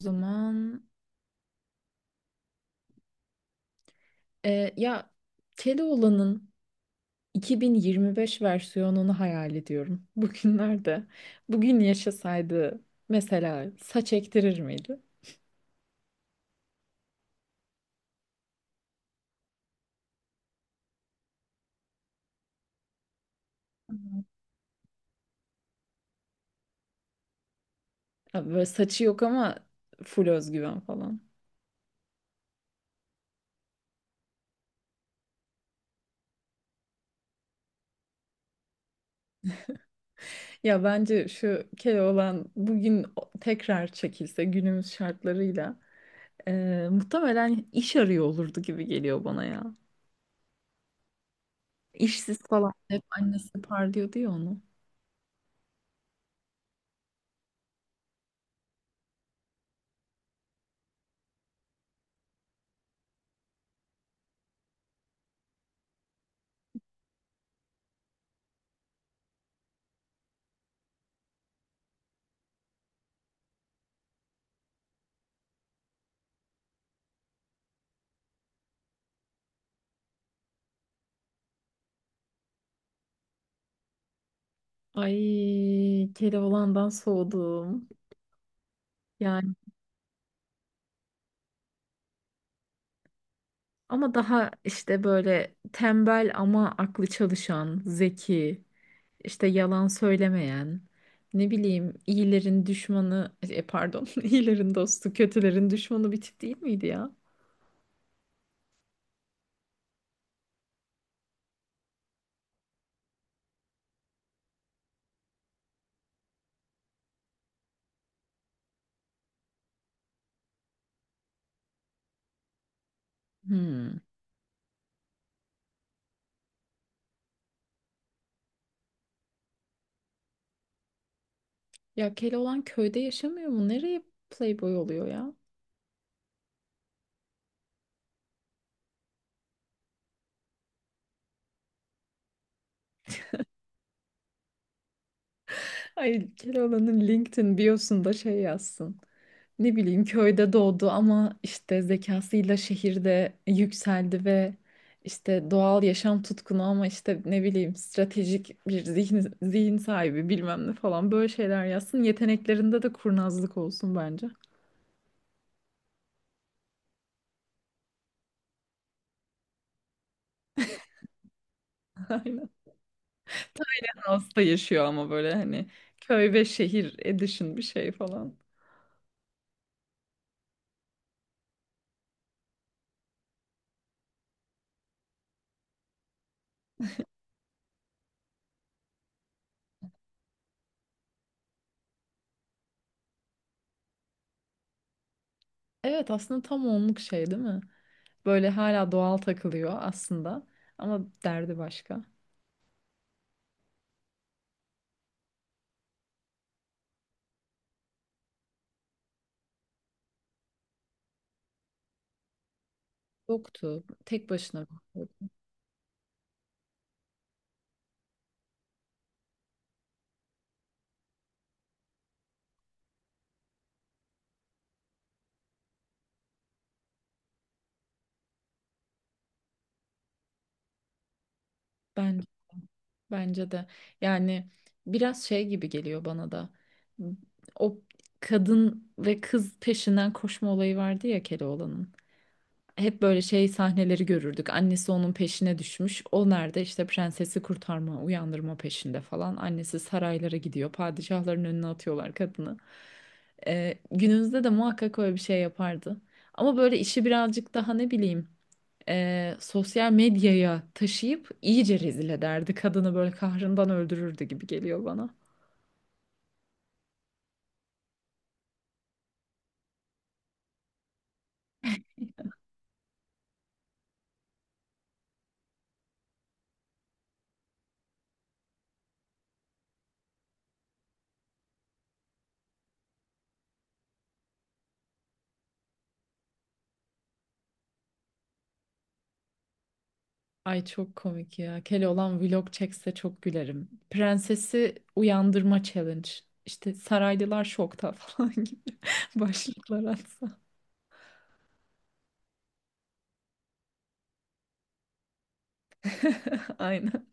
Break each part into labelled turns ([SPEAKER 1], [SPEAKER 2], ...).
[SPEAKER 1] O zaman e, ya Keloğlan'ın 2025 versiyonunu hayal ediyorum bugünlerde. Bugün yaşasaydı mesela saç ektirir miydi? Evet. Ya böyle saçı yok ama full özgüven falan. Ya bence şu Keloğlan bugün tekrar çekilse günümüz şartlarıyla muhtemelen iş arıyor olurdu gibi geliyor bana ya. İşsiz falan hep annesi parlıyordu ya onu. Ay Keloğlan'dan soğudum. Yani ama daha işte böyle tembel ama aklı çalışan, zeki, işte yalan söylemeyen, ne bileyim iyilerin düşmanı, pardon iyilerin dostu, kötülerin düşmanı bir tip değil miydi ya? Hmm. Ya Keloğlan köyde yaşamıyor mu? Nereye playboy oluyor ya? Ay Keloğlan'ın LinkedIn biosunda şey yazsın. Ne bileyim köyde doğdu ama işte zekasıyla şehirde yükseldi ve işte doğal yaşam tutkunu ama işte ne bileyim stratejik bir zihin sahibi bilmem ne falan böyle şeyler yazsın. Yeteneklerinde de kurnazlık olsun bence. Aynen. Hasta yaşıyor ama böyle hani köy ve şehir edition bir şey falan. Evet aslında tam onluk şey değil mi? Böyle hala doğal takılıyor aslında ama derdi başka. Yoktu. Tek başına. Ben Bence de yani biraz şey gibi geliyor bana da o kadın ve kız peşinden koşma olayı vardı ya Keloğlan'ın. Hep böyle şey sahneleri görürdük. Annesi onun peşine düşmüş. O nerede? İşte prensesi kurtarma, uyandırma peşinde falan. Annesi saraylara gidiyor. Padişahların önüne atıyorlar kadını. Günümüzde de muhakkak öyle bir şey yapardı. Ama böyle işi birazcık daha ne bileyim sosyal medyaya taşıyıp iyice rezil ederdi. Kadını böyle kahrından öldürürdü gibi geliyor bana. Ay çok komik ya. Keloğlan vlog çekse çok gülerim. Prensesi uyandırma challenge. İşte saraylılar şokta falan gibi başlıklar atsa. Aynen.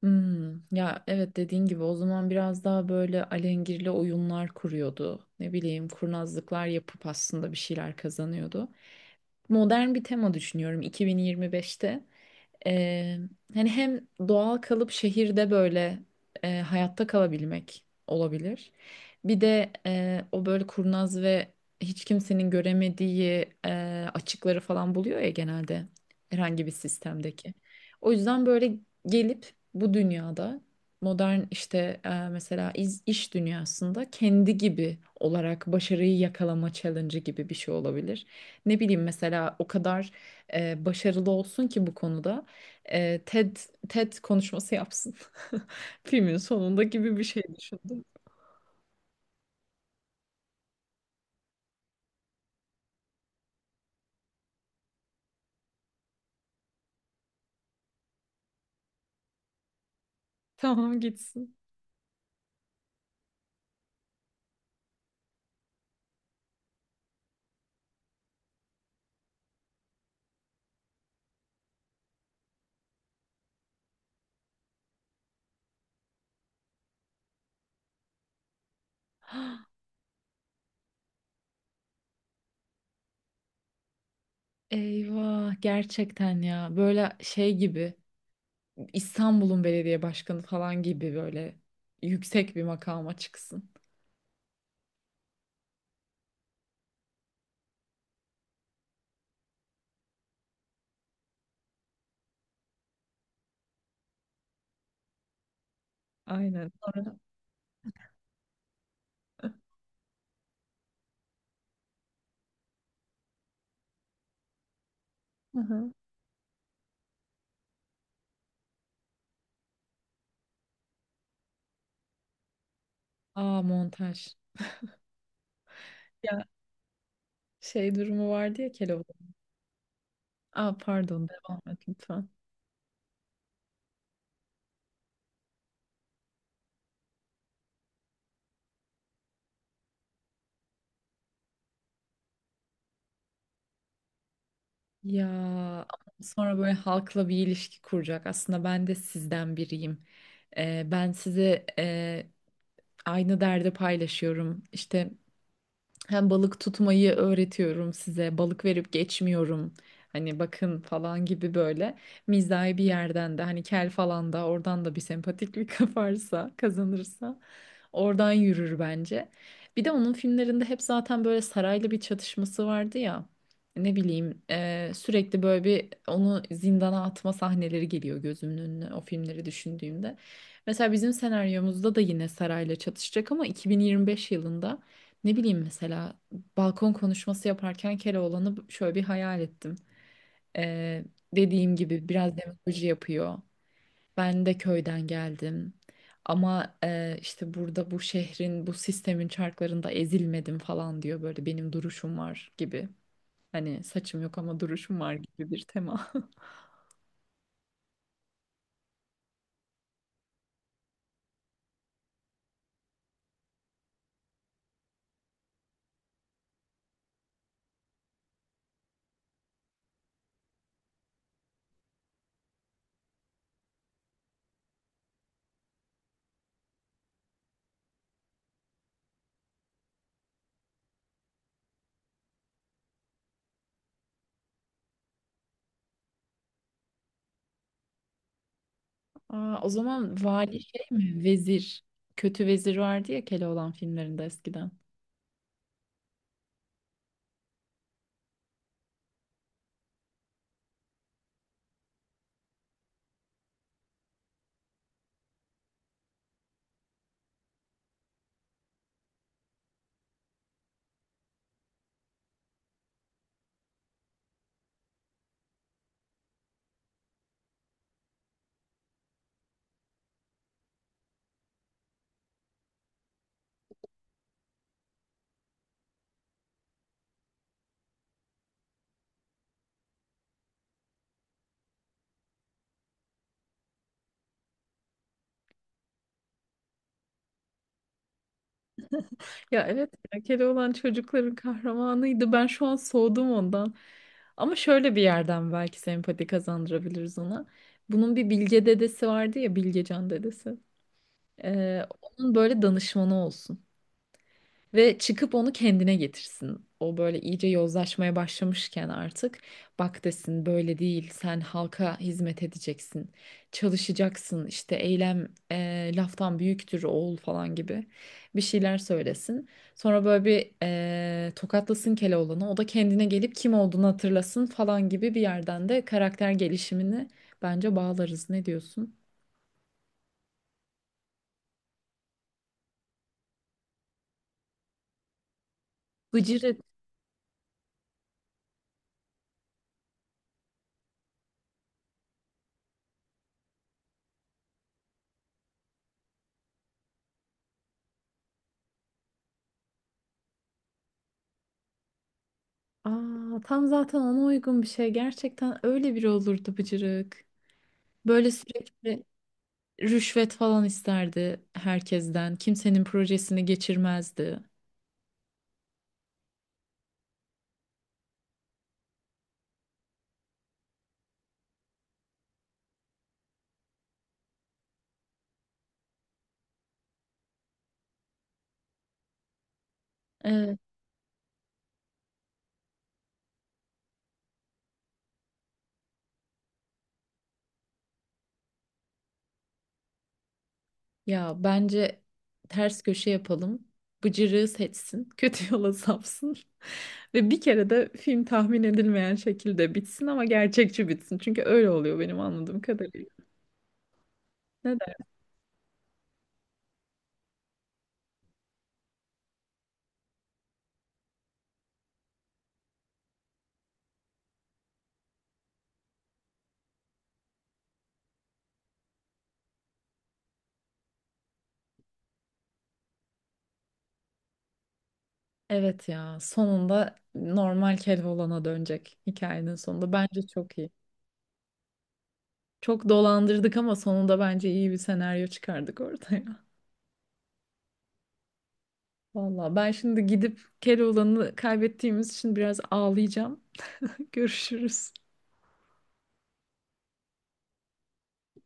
[SPEAKER 1] Hmm, ya evet dediğin gibi o zaman biraz daha böyle alengirli oyunlar kuruyordu. Ne bileyim kurnazlıklar yapıp aslında bir şeyler kazanıyordu. Modern bir tema düşünüyorum 2025'te. Ee, Hani hem doğal kalıp şehirde böyle hayatta kalabilmek olabilir. Bir de o böyle kurnaz ve hiç kimsenin göremediği açıkları falan buluyor ya genelde herhangi bir sistemdeki. O yüzden böyle gelip bu dünyada modern işte mesela iş dünyasında kendi gibi olarak başarıyı yakalama challenge'ı gibi bir şey olabilir. Ne bileyim mesela o kadar başarılı olsun ki bu konuda e, TED TED konuşması yapsın. Filmin sonunda gibi bir şey düşündüm. Tamam gitsin. Eyvah gerçekten ya böyle şey gibi İstanbul'un belediye başkanı falan gibi böyle yüksek bir makama çıksın. Aynen. Sonra. Hı hı. Aa, montaj. Ya şey durumu vardı ya Keloğlan. Aa, pardon, devam et lütfen. Ya ama sonra böyle halkla bir ilişki kuracak. Aslında ben de sizden biriyim. Ben size aynı derdi paylaşıyorum. İşte hem balık tutmayı öğretiyorum size. Balık verip geçmiyorum. Hani bakın falan gibi böyle mizahi bir yerden de hani kel falan da oradan da bir sempatiklik kaparsa kazanırsa oradan yürür bence. Bir de onun filmlerinde hep zaten böyle sarayla bir çatışması vardı ya. Ne bileyim sürekli böyle bir onu zindana atma sahneleri geliyor gözümün önüne o filmleri düşündüğümde. Mesela bizim senaryomuzda da yine sarayla çatışacak ama 2025 yılında. Ne bileyim mesela balkon konuşması yaparken Keloğlan'ı şöyle bir hayal ettim. Ee, Dediğim gibi biraz demagoji yapıyor. Ben de köyden geldim. Ama işte burada bu şehrin, bu sistemin çarklarında ezilmedim falan diyor. Böyle benim duruşum var gibi. Hani saçım yok ama duruşum var gibi bir tema. Aa, o zaman vali şey mi? Vezir. Kötü vezir vardı ya Keloğlan filmlerinde eskiden. Ya evet ya Keloğlan çocukların kahramanıydı. Ben şu an soğudum ondan. Ama şöyle bir yerden belki sempati kazandırabiliriz ona. Bunun bir Bilge dedesi vardı ya, Bilgecan dedesi. Onun böyle danışmanı olsun. Ve çıkıp onu kendine getirsin. O böyle iyice yozlaşmaya başlamışken artık bak desin, böyle değil, sen halka hizmet edeceksin. Çalışacaksın, işte eylem laftan büyüktür oğul falan gibi bir şeyler söylesin. Sonra böyle bir tokatlasın Keloğlan'ı, o da kendine gelip kim olduğunu hatırlasın falan gibi bir yerden de karakter gelişimini bence bağlarız. Ne diyorsun? Bıcırık. Aa, tam zaten ona uygun bir şey. Gerçekten öyle biri olurdu Bıcırık. Böyle sürekli rüşvet falan isterdi herkesten. Kimsenin projesini geçirmezdi. Evet. Ya bence ters köşe yapalım. Bıcırığı seçsin. Kötü yola sapsın. Ve bir kere de film tahmin edilmeyen şekilde bitsin ama gerçekçi bitsin. Çünkü öyle oluyor benim anladığım kadarıyla. Neden? Evet ya, sonunda normal Keloğlan'a dönecek hikayenin sonunda. Bence çok iyi. Çok dolandırdık ama sonunda bence iyi bir senaryo çıkardık ortaya. Valla ben şimdi gidip Keloğlan'ı kaybettiğimiz için biraz ağlayacağım. Görüşürüz.